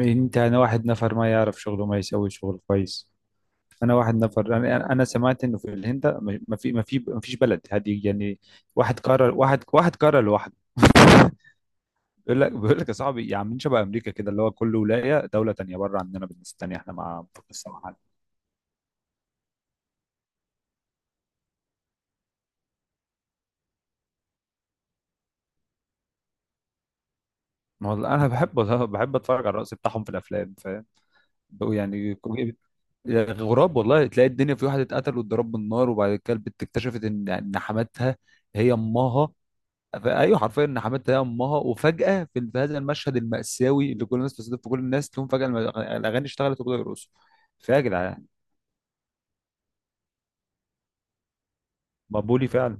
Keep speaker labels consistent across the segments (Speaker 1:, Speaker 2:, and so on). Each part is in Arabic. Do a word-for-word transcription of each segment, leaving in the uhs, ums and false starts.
Speaker 1: انت انا واحد نفر ما يعرف شغله ما يسوي شغل كويس. انا واحد نفر، انا انا سمعت انه في الهند ما ما في ما في ما فيش بلد هذه يعني. واحد قرر، واحد واحد قرر لوحده. بيقول لك بيقول لك يا صاحبي، يا عم، شبه امريكا كده اللي هو كل ولايه دوله تانيه بره عننا بالناس تانيه، احنا ما لسه ما حد. ما هو انا بحب، والله بحب اتفرج على الرقص بتاعهم في الافلام، فاهم؟ بقوا يعني كو- يعني غراب، والله تلاقي الدنيا في واحد اتقتل واتضرب بالنار، وبعد كده البت اكتشفت ان إن حماتها هي امها. ايوه حرفيا حماتها هي امها، وفجاه في في هذا المشهد الماساوي اللي كل الناس بتستضيف في، كل الناس تقوم فجاه الم- الاغاني اشتغلت وبداوا يرقصوا. فيا جدعان مقبولي فعلا.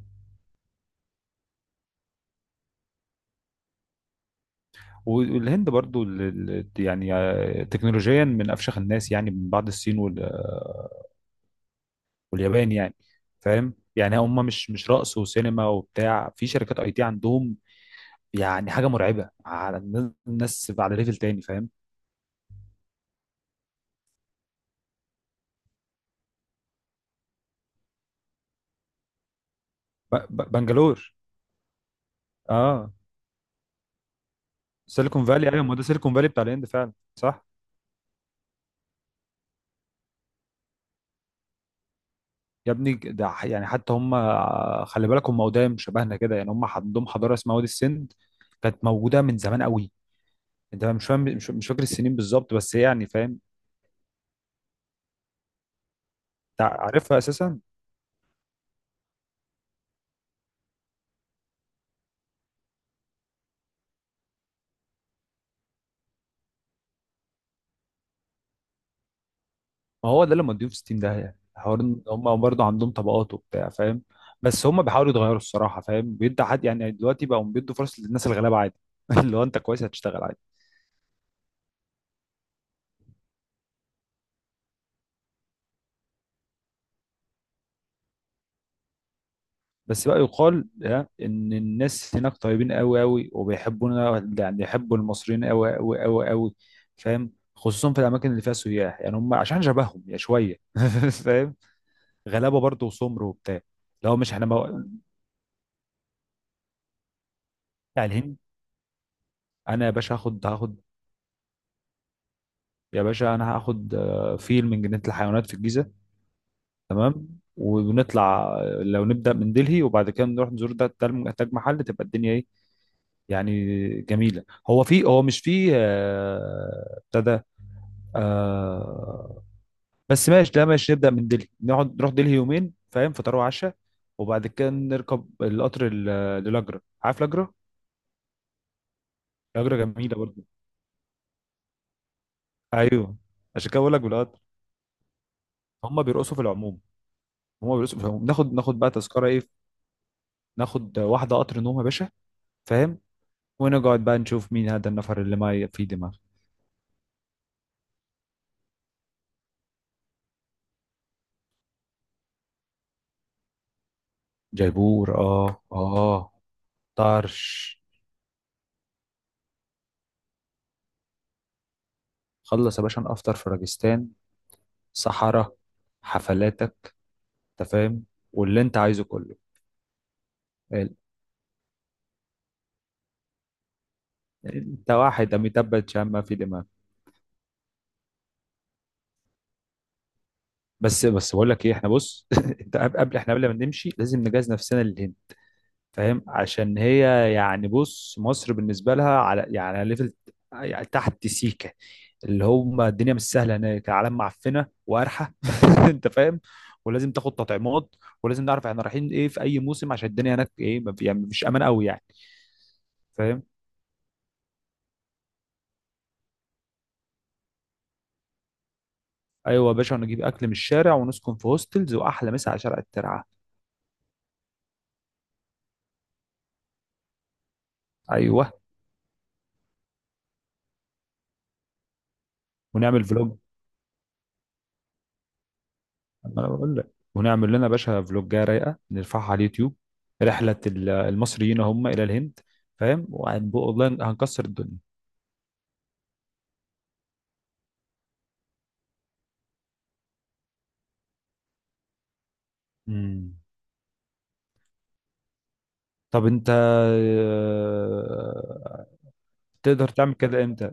Speaker 1: والهند برضو ال- ال- يعني آه، تكنولوجيا من افشخ الناس، يعني من بعد الصين وال- آه، واليابان يعني. فاهم؟ يعني هم مش مش رقص وسينما وبتاع، في شركات اي تي عندهم. يعني حاجه مرعبه، على الناس الناس على ليفل تاني، فاهم؟ ب- ب- بنجلور، اه. سيليكون فالي، ايوه، ما ده سيليكون فالي بتاع الهند فعلا، صح. يا ابني ده ح- يعني حتى هم، خلي بالك هم قدام شبهنا كده، يعني هم عندهم حضاره اسمها وادي السند، كانت موجوده من زمان قوي. انت مش فاهم، مش, مش فاكر السنين بالظبط بس هي يعني، فاهم؟ انت عارفها اساسا. ما هو ده اللي موديهم في ستين، ده يعني حوار إن هم برضه عندهم طبقات وبتاع، فاهم؟ بس هم بيحاولوا يتغيروا الصراحه، فاهم؟ بيدوا حد يعني، دلوقتي بقوا بيدوا فرص للناس الغلابه عادي. اللي هو انت كويس هتشتغل. بس بقى يقال، ها، ان الناس هناك طيبين قوي قوي وبيحبونا، يعني يحبوا المصريين قوي قوي قوي قوي، فاهم؟ خصوصا في الاماكن اللي فيها سياح، يعني هم عشان شبههم يا شويه. فاهم؟ غلابه برضه وسمر وبتاع. لو مش احنا مو... بتاع الهند. انا يا باشا هاخد هاخد. يا باشا انا هاخد آه، فيل من جنينه الحيوانات في الجيزه، تمام. ونطلع، آه، لو نبدا من دلهي وبعد كده نروح نزور ده تل- تاج محل، تبقى الدنيا ايه يعني؟ جميله. هو في، هو مش في، آه، ابتدى، آه. بس ماشي، ده ماشي، نبدأ من دلهي، نقعد نروح دلهي يومين فاهم، فطار وعشاء. وبعد كده نركب القطر ال- للاجرة، عارف لاجرة؟ لاجرة جميلة برضه، ايوه. عشان كده بقول لك بالقطر هم بيرقصوا في العموم، هم بيرقصوا في العموم. ناخد ناخد بقى تذكرة ايه، ناخد واحدة قطر نوم يا باشا، فاهم؟ ونقعد بقى نشوف مين هذا النفر اللي ما في دماغ. جيبور، اه اه، طرش. خلص يا باشا نفطر في راجستان، صحراء، حفلاتك، انت فاهم، واللي انت عايزه كله. ال- انت واحد اميتاب باتشان ما في دماغ. بس بس بقول لك ايه، احنا بص، انت قبل قبل- احنا قبل ما نمشي لازم نجهز نفسنا للهند، فاهم؟ عشان هي يعني بص، مصر بالنسبه لها على، يعني على ليفل، يعني تحت سيكه، اللي هم الدنيا مش سهله هناك، العالم معفنه وقرحه. انت فاهم؟ ولازم تاخد تطعيمات، ولازم نعرف احنا رايحين ايه في اي موسم، عشان الدنيا هناك ايه ما في- يعني مش امان قوي يعني، فاهم؟ ايوه يا باشا، ونجيب اكل من الشارع ونسكن في هوستلز، واحلى مسا على شارع الترعه، ايوه. ونعمل فلوج. انا بقول لك، ونعمل لنا باشا فلوجة رايقه نرفعها على اليوتيوب، رحله ال- المصريين هم الى الهند، فاهم؟ وهنبقى والله هنكسر الدنيا. مم. طب انت، آه، تقدر تعمل كده امتى؟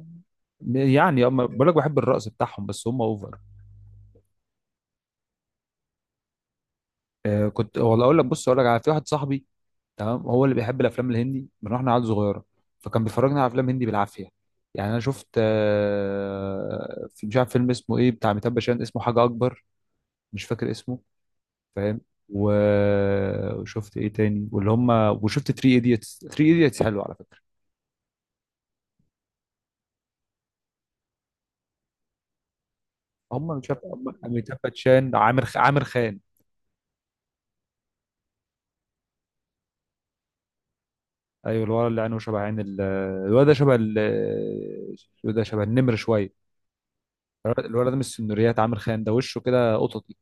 Speaker 1: يعني اما بقول لك بحب الرقص بتاعهم بس هم اوفر. آه، كنت والله اقول لك، بص اقول لك على، في واحد صاحبي تمام، هو اللي بيحب الافلام الهندي من واحنا عيال صغيره، فكان بيفرجنا على افلام هندي بالعافيه. يعني انا شفت، آه، في- مش عارف فيلم اسمه ايه بتاع ميتاب باشان، اسمه حاجه اكبر، مش فاكر اسمه، فاهم؟ و- وشفت ايه تاني واللي هم، وشفت ثري ايديتس، ثري ايديتس حلو على فكره. هم مش عارف، هم اميتاب باتشان، عامر خ... عامر خان. ايوه الولد اللي عينه شبه عين ال- الولد ده شبه ال... الولد ده شبه النمر شويه، الولد ده من السنوريات. عامر خان ده وشه كده قططي،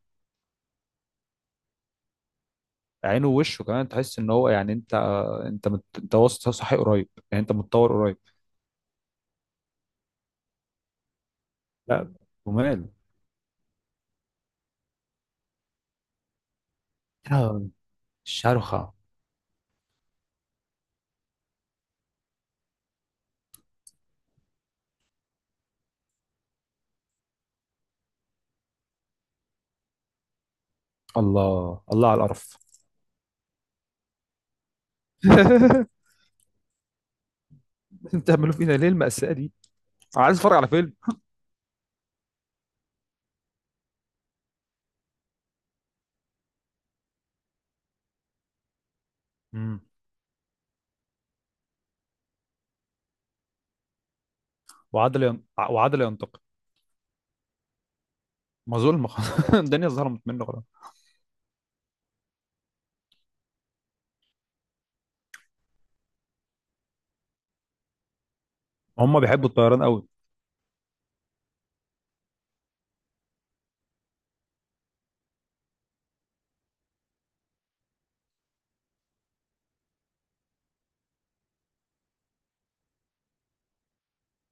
Speaker 1: عينه ووشه كمان، تحس ان هو يعني انت، انت مت... انت وسط صحي قريب، يعني انت متطور قريب. لا وماله. آه، شرخة. الله الله على القرف. انتوا بتعملوا فينا ليه المأساة دي؟ انا عايز اتفرج على فيلم. مم. وعدل ين... وعدل ينتقم. ما ظلم خلاص. الدنيا ظلمت منه خلاص. هم بيحبوا الطيران قوي.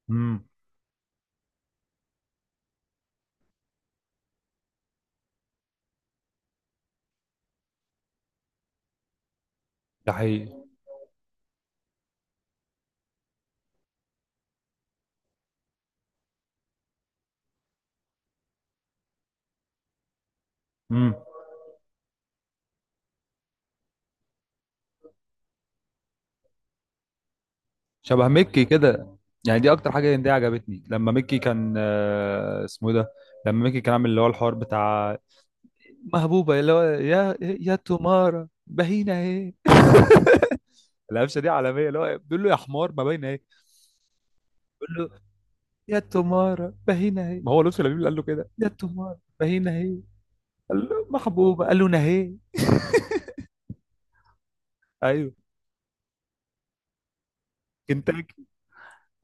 Speaker 1: امم. ده حقيقي. امم. شبه ميكي كده. يعني دي اكتر حاجه دي عجبتني، لما ميكي كان، آه، اسمه إيه ده، لما ميكي كان عامل اللي هو الحوار بتاع محبوبه، اللي هو يا يا تمارة باهينه ايه. القفشه دي عالميه، اللي هو بيقول له يا حمار ما باينه ايه. بيقول له يا تمارة باهينه ايه، ما هو لطفي لبيب اللي قال له كده يا تمارة باهينه ايه. قال له محبوبة قال له نهي. ايوه كنتاكي.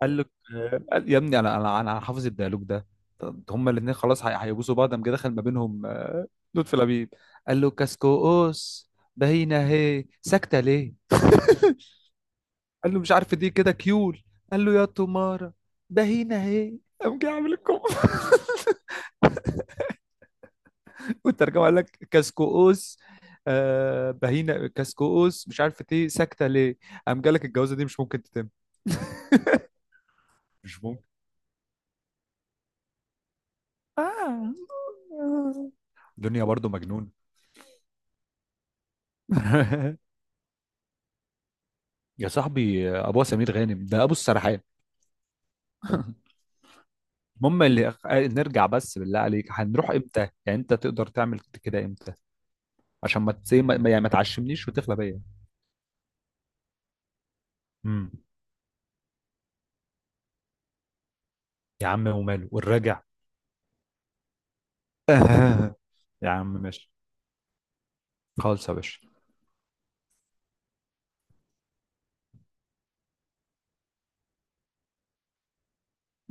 Speaker 1: قال له، آه، قال- يا ابني انا، انا انا حافظ الديالوج ده. طب هما الاثنين خلاص، هي- هيبوسوا بعض، قام جه دخل ما بينهم، آه، لطفي لبيب، قال له كاسكوس بهينا هي ساكتة ليه. قال له مش عارف دي كده كيول. قال له يا تمارة بهينا هي، قام جه عامل الكم. والترجمة قال لك كاسكوس، آه بهينا كاسكوس مش عارف ايه ساكتة ليه، قام جالك الجوازة دي مش ممكن تتم. مش، آه. دنيا برضو مجنون. يا صاحبي ابو سمير غانم ده ابو السرحان. المهم اللي نرجع، بس بالله عليك هنروح امتى؟ يعني انت تقدر تعمل كده امتى؟ عشان ما تسي، ما يعني ما تعشمنيش وتغلى بيا. امم. يا عم وماله والراجع. يا عم ماشي، خالص يا باشا.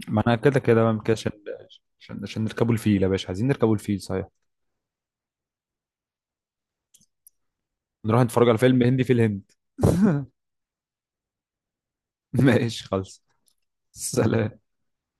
Speaker 1: ما انا كده كده بقى كده، عشان عشان عشان نركبوا الفيل يا باشا، عايزين نركبوا الفيل صحيح. نروح نتفرج على فيلم هندي في الهند. ماشي خالص، سلام.